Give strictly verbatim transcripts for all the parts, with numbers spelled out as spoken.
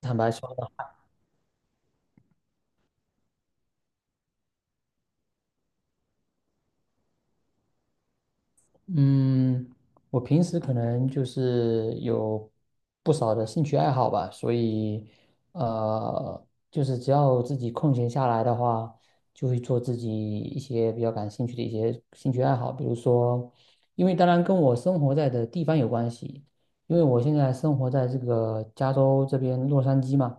坦白说吧，嗯，我平时可能就是有不少的兴趣爱好吧，所以呃，就是只要自己空闲下来的话，就会做自己一些比较感兴趣的一些兴趣爱好，比如说，因为当然跟我生活在的地方有关系，因为我现在生活在这个加州这边洛杉矶嘛，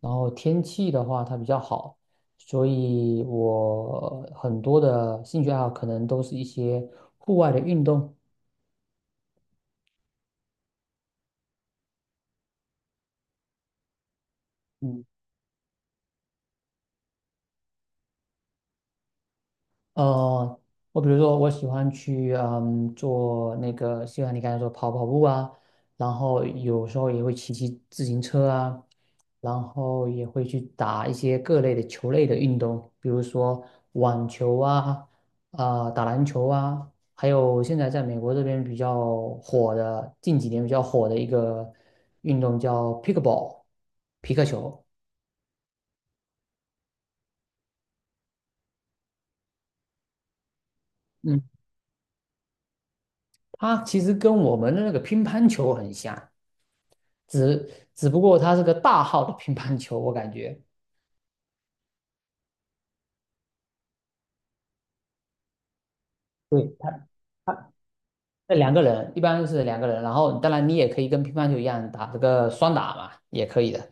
然后天气的话它比较好。所以我很多的兴趣爱好可能都是一些户外的运动。嗯。呃，我比如说，我喜欢去嗯做那个，就像你刚才说跑跑步啊，然后有时候也会骑骑自行车啊，然后也会去打一些各类的球类的运动，比如说网球啊，啊、打篮球啊，还有现在在美国这边比较火的，近几年比较火的一个运动叫 pickleball，皮克球。嗯，它其实跟我们的那个乒乓球很像。只只不过他是个大号的乒乓球，我感觉。对，他，他那两个人，一般是两个人，然后当然你也可以跟乒乓球一样打这个双打嘛，也可以的。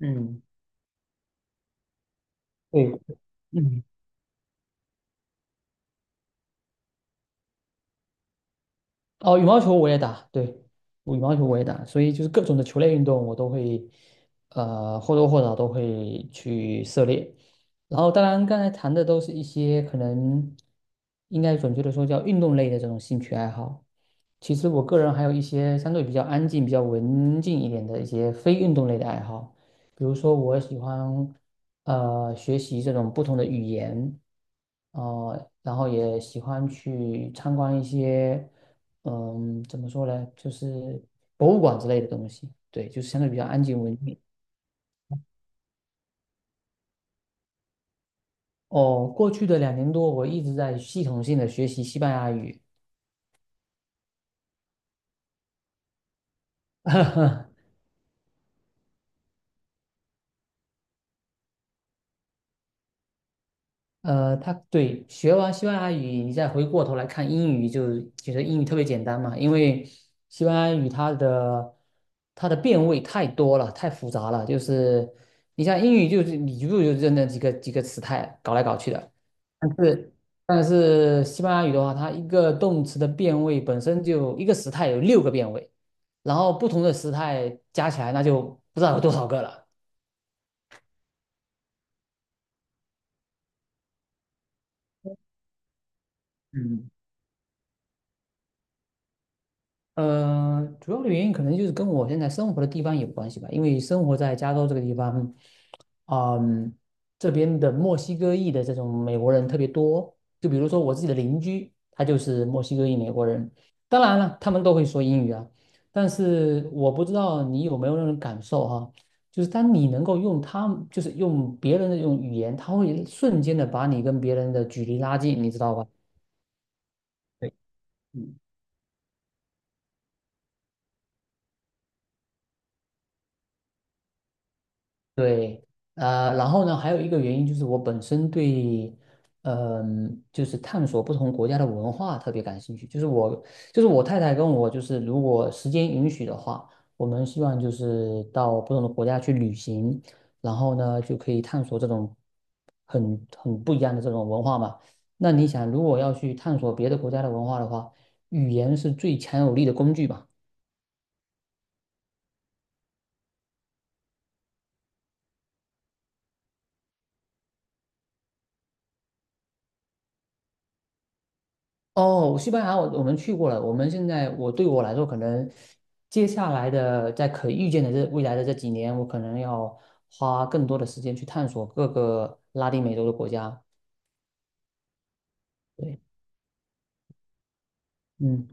嗯，对，嗯，哦，羽毛球我也打，对，羽毛球我也打，所以就是各种的球类运动我都会，呃，或多或少都会去涉猎。然后当然刚才谈的都是一些可能应该准确的说叫运动类的这种兴趣爱好。其实我个人还有一些相对比较安静、比较文静一点的一些非运动类的爱好，比如说我喜欢呃学习这种不同的语言。呃，然后也喜欢去参观一些嗯怎么说呢，就是博物馆之类的东西。对，就是相对比较安静文静。哦，过去的两年多，我一直在系统性的学习西班牙语。呃，他对，学完西班牙语，你再回过头来看英语就觉得英语特别简单嘛，因为西班牙语它的它的变位太多了，太复杂了。就是你像英语就是你就就认那几个几个词态搞来搞去的，但是但是西班牙语的话，它一个动词的变位本身就一个时态有六个变位，然后不同的时态加起来那就不知道有多少个了。嗯。呃，主要的原因可能就是跟我现在生活的地方有关系吧，因为生活在加州这个地方，嗯，这边的墨西哥裔的这种美国人特别多。就比如说我自己的邻居，他就是墨西哥裔美国人，当然了，他们都会说英语啊。但是我不知道你有没有那种感受哈、就是当你能够用他们，就是用别人的这种语言，他会瞬间的把你跟别人的距离拉近，你知道吧？对，嗯。对，呃，然后呢，还有一个原因就是我本身对，嗯、就是探索不同国家的文化特别感兴趣。就是我，就是我太太跟我，就是如果时间允许的话，我们希望就是到不同的国家去旅行，然后呢，就可以探索这种很很不一样的这种文化嘛。那你想，如果要去探索别的国家的文化的话，语言是最强有力的工具吧？哦，西班牙我我们去过了。我们现在我对我来说，可能接下来的在可预见的这未来的这几年，我可能要花更多的时间去探索各个拉丁美洲的国家。对，嗯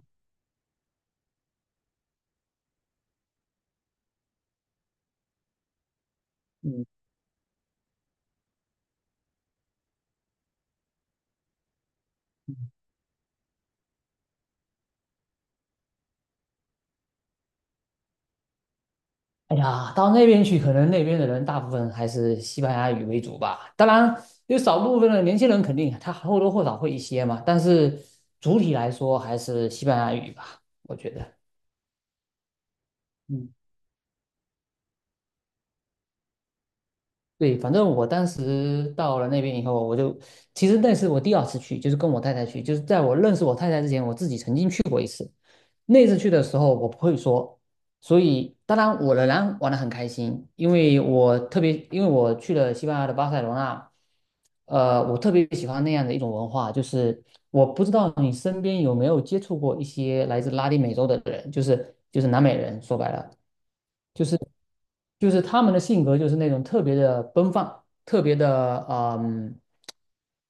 嗯，哎呀，到那边去，可能那边的人大部分还是西班牙语为主吧。当然，有少部分的年轻人肯定他或多或少会一些嘛，但是主体来说还是西班牙语吧，我觉得。嗯。对，反正我当时到了那边以后，我就其实那是我第二次去，就是跟我太太去，就是在我认识我太太之前，我自己曾经去过一次。那次去的时候，我不会说，所以当然我仍然玩得很开心，因为我特别，因为我去了西班牙的巴塞罗那。呃，我特别喜欢那样的一种文化，就是我不知道你身边有没有接触过一些来自拉丁美洲的人，就是就是南美人，说白了。就是。就是他们的性格就是那种特别的奔放，特别的嗯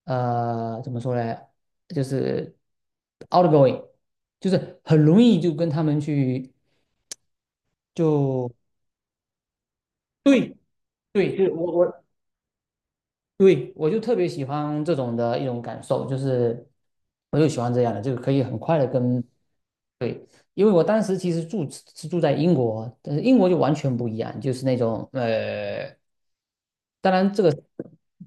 呃怎么说呢，就是 outgoing,就是很容易就跟他们去就对，对，对，就我我对，我就特别喜欢这种的一种感受，就是我就喜欢这样的，就可以很快的跟。因为我当时其实住是住在英国，但是英国就完全不一样，就是那种呃当然，这个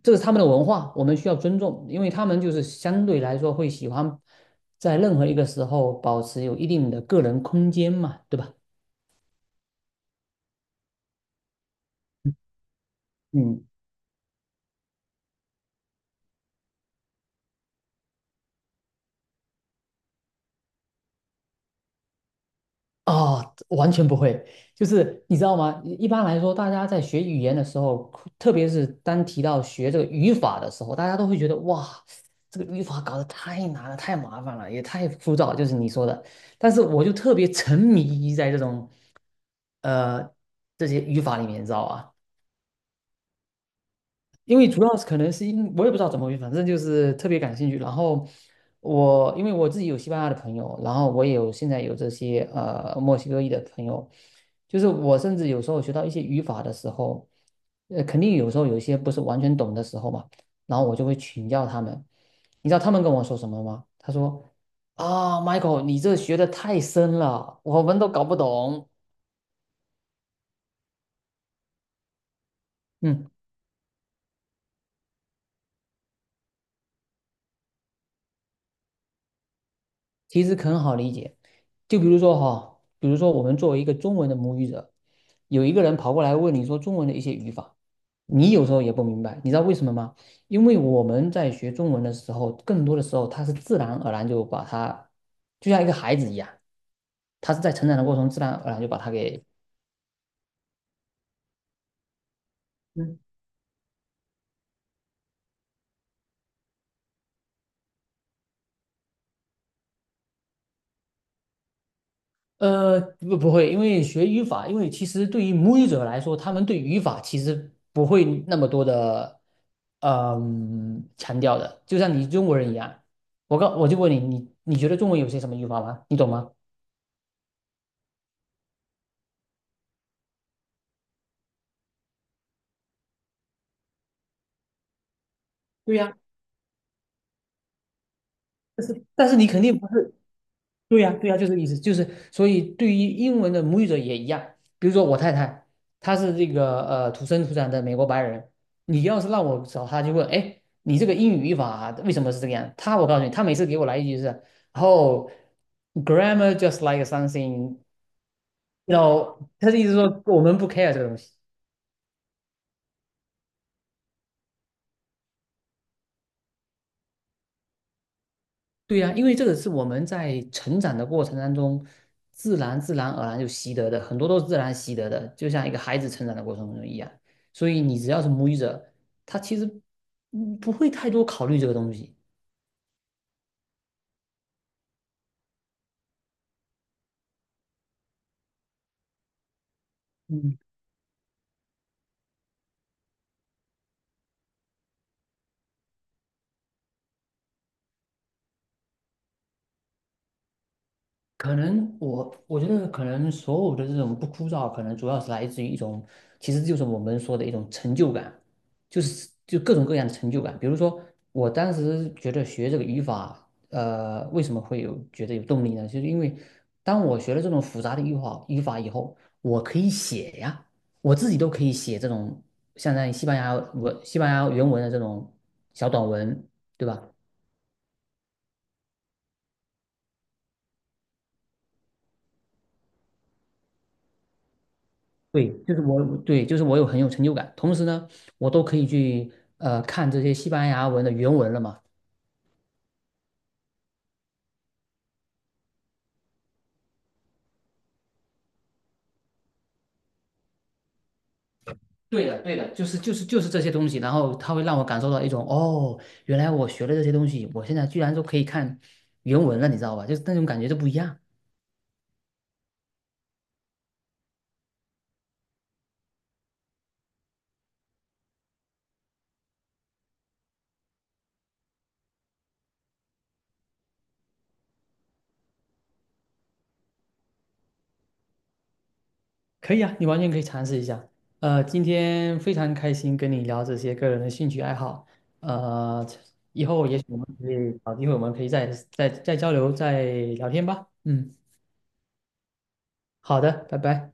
这是他们的文化，我们需要尊重，因为他们就是相对来说会喜欢在任何一个时候保持有一定的个人空间嘛，对吧？嗯，啊，完全不会，就是你知道吗？一般来说，大家在学语言的时候，特别是当提到学这个语法的时候，大家都会觉得哇，这个语法搞得太难了，太麻烦了，也太枯燥，就是你说的。但是我就特别沉迷于在这种，呃，这些语法里面，你知道吧？因为主要是可能是因我也不知道怎么回事，反正就是特别感兴趣。然后我因为我自己有西班牙的朋友，然后我也有现在有这些呃墨西哥裔的朋友，就是我甚至有时候学到一些语法的时候，呃，肯定有时候有一些不是完全懂的时候嘛，然后我就会请教他们。你知道他们跟我说什么吗？他说：“啊，Michael,你这学的太深了，我们都搞不懂。”嗯。其实很好理解。就比如说哈，比如说我们作为一个中文的母语者，有一个人跑过来问你说中文的一些语法，你有时候也不明白，你知道为什么吗？因为我们在学中文的时候，更多的时候它是自然而然就把它，就像一个孩子一样，他是在成长的过程中自然而然就把它给呃，不，不会，因为学语法，因为其实对于母语者来说，他们对语法其实不会那么多的嗯、强调的。就像你中国人一样，我告我就问你，你你觉得中文有些什么语法吗？你懂吗？对呀，但是但是你肯定不是，对呀，对呀，就是这个意思，就是所以对于英文的母语者也一样。比如说我太太，她是这个呃土生土长的美国白人，你要是让我找她就问，哎，你这个英语语法为什么是这个样？她，我告诉你，她每次给我来一句是，o h g r a m m a r just like something,然后她的意思说我们不 care 这个东西。对呀，因为这个是我们在成长的过程当中，自然自然而然就习得的，很多都是自然习得的，就像一个孩子成长的过程中一样。所以你只要是母语者，他其实嗯不会太多考虑这个东西。嗯。可能我我觉得可能所有的这种不枯燥，可能主要是来自于一种，其实就是我们说的一种成就感，就是就各种各样的成就感。比如说，我当时觉得学这个语法，呃，为什么会有觉得有动力呢？就是因为当我学了这种复杂的语法语法以后，我可以写呀，我自己都可以写这种相当于西班牙文、西班牙原文的这种小短文，对吧？对，就是我，对，就是我有很有成就感。同时呢，我都可以去呃看这些西班牙文的原文了嘛。对的，对的，就是就是就是这些东西，然后它会让我感受到一种哦，原来我学了这些东西，我现在居然都可以看原文了，你知道吧？就是那种感觉就不一样。可以啊，你完全可以尝试一下。呃，今天非常开心跟你聊这些个人的兴趣爱好。呃，以后也许我们可以找机会，我们可以再再再交流、再聊天吧。嗯，好的，拜拜。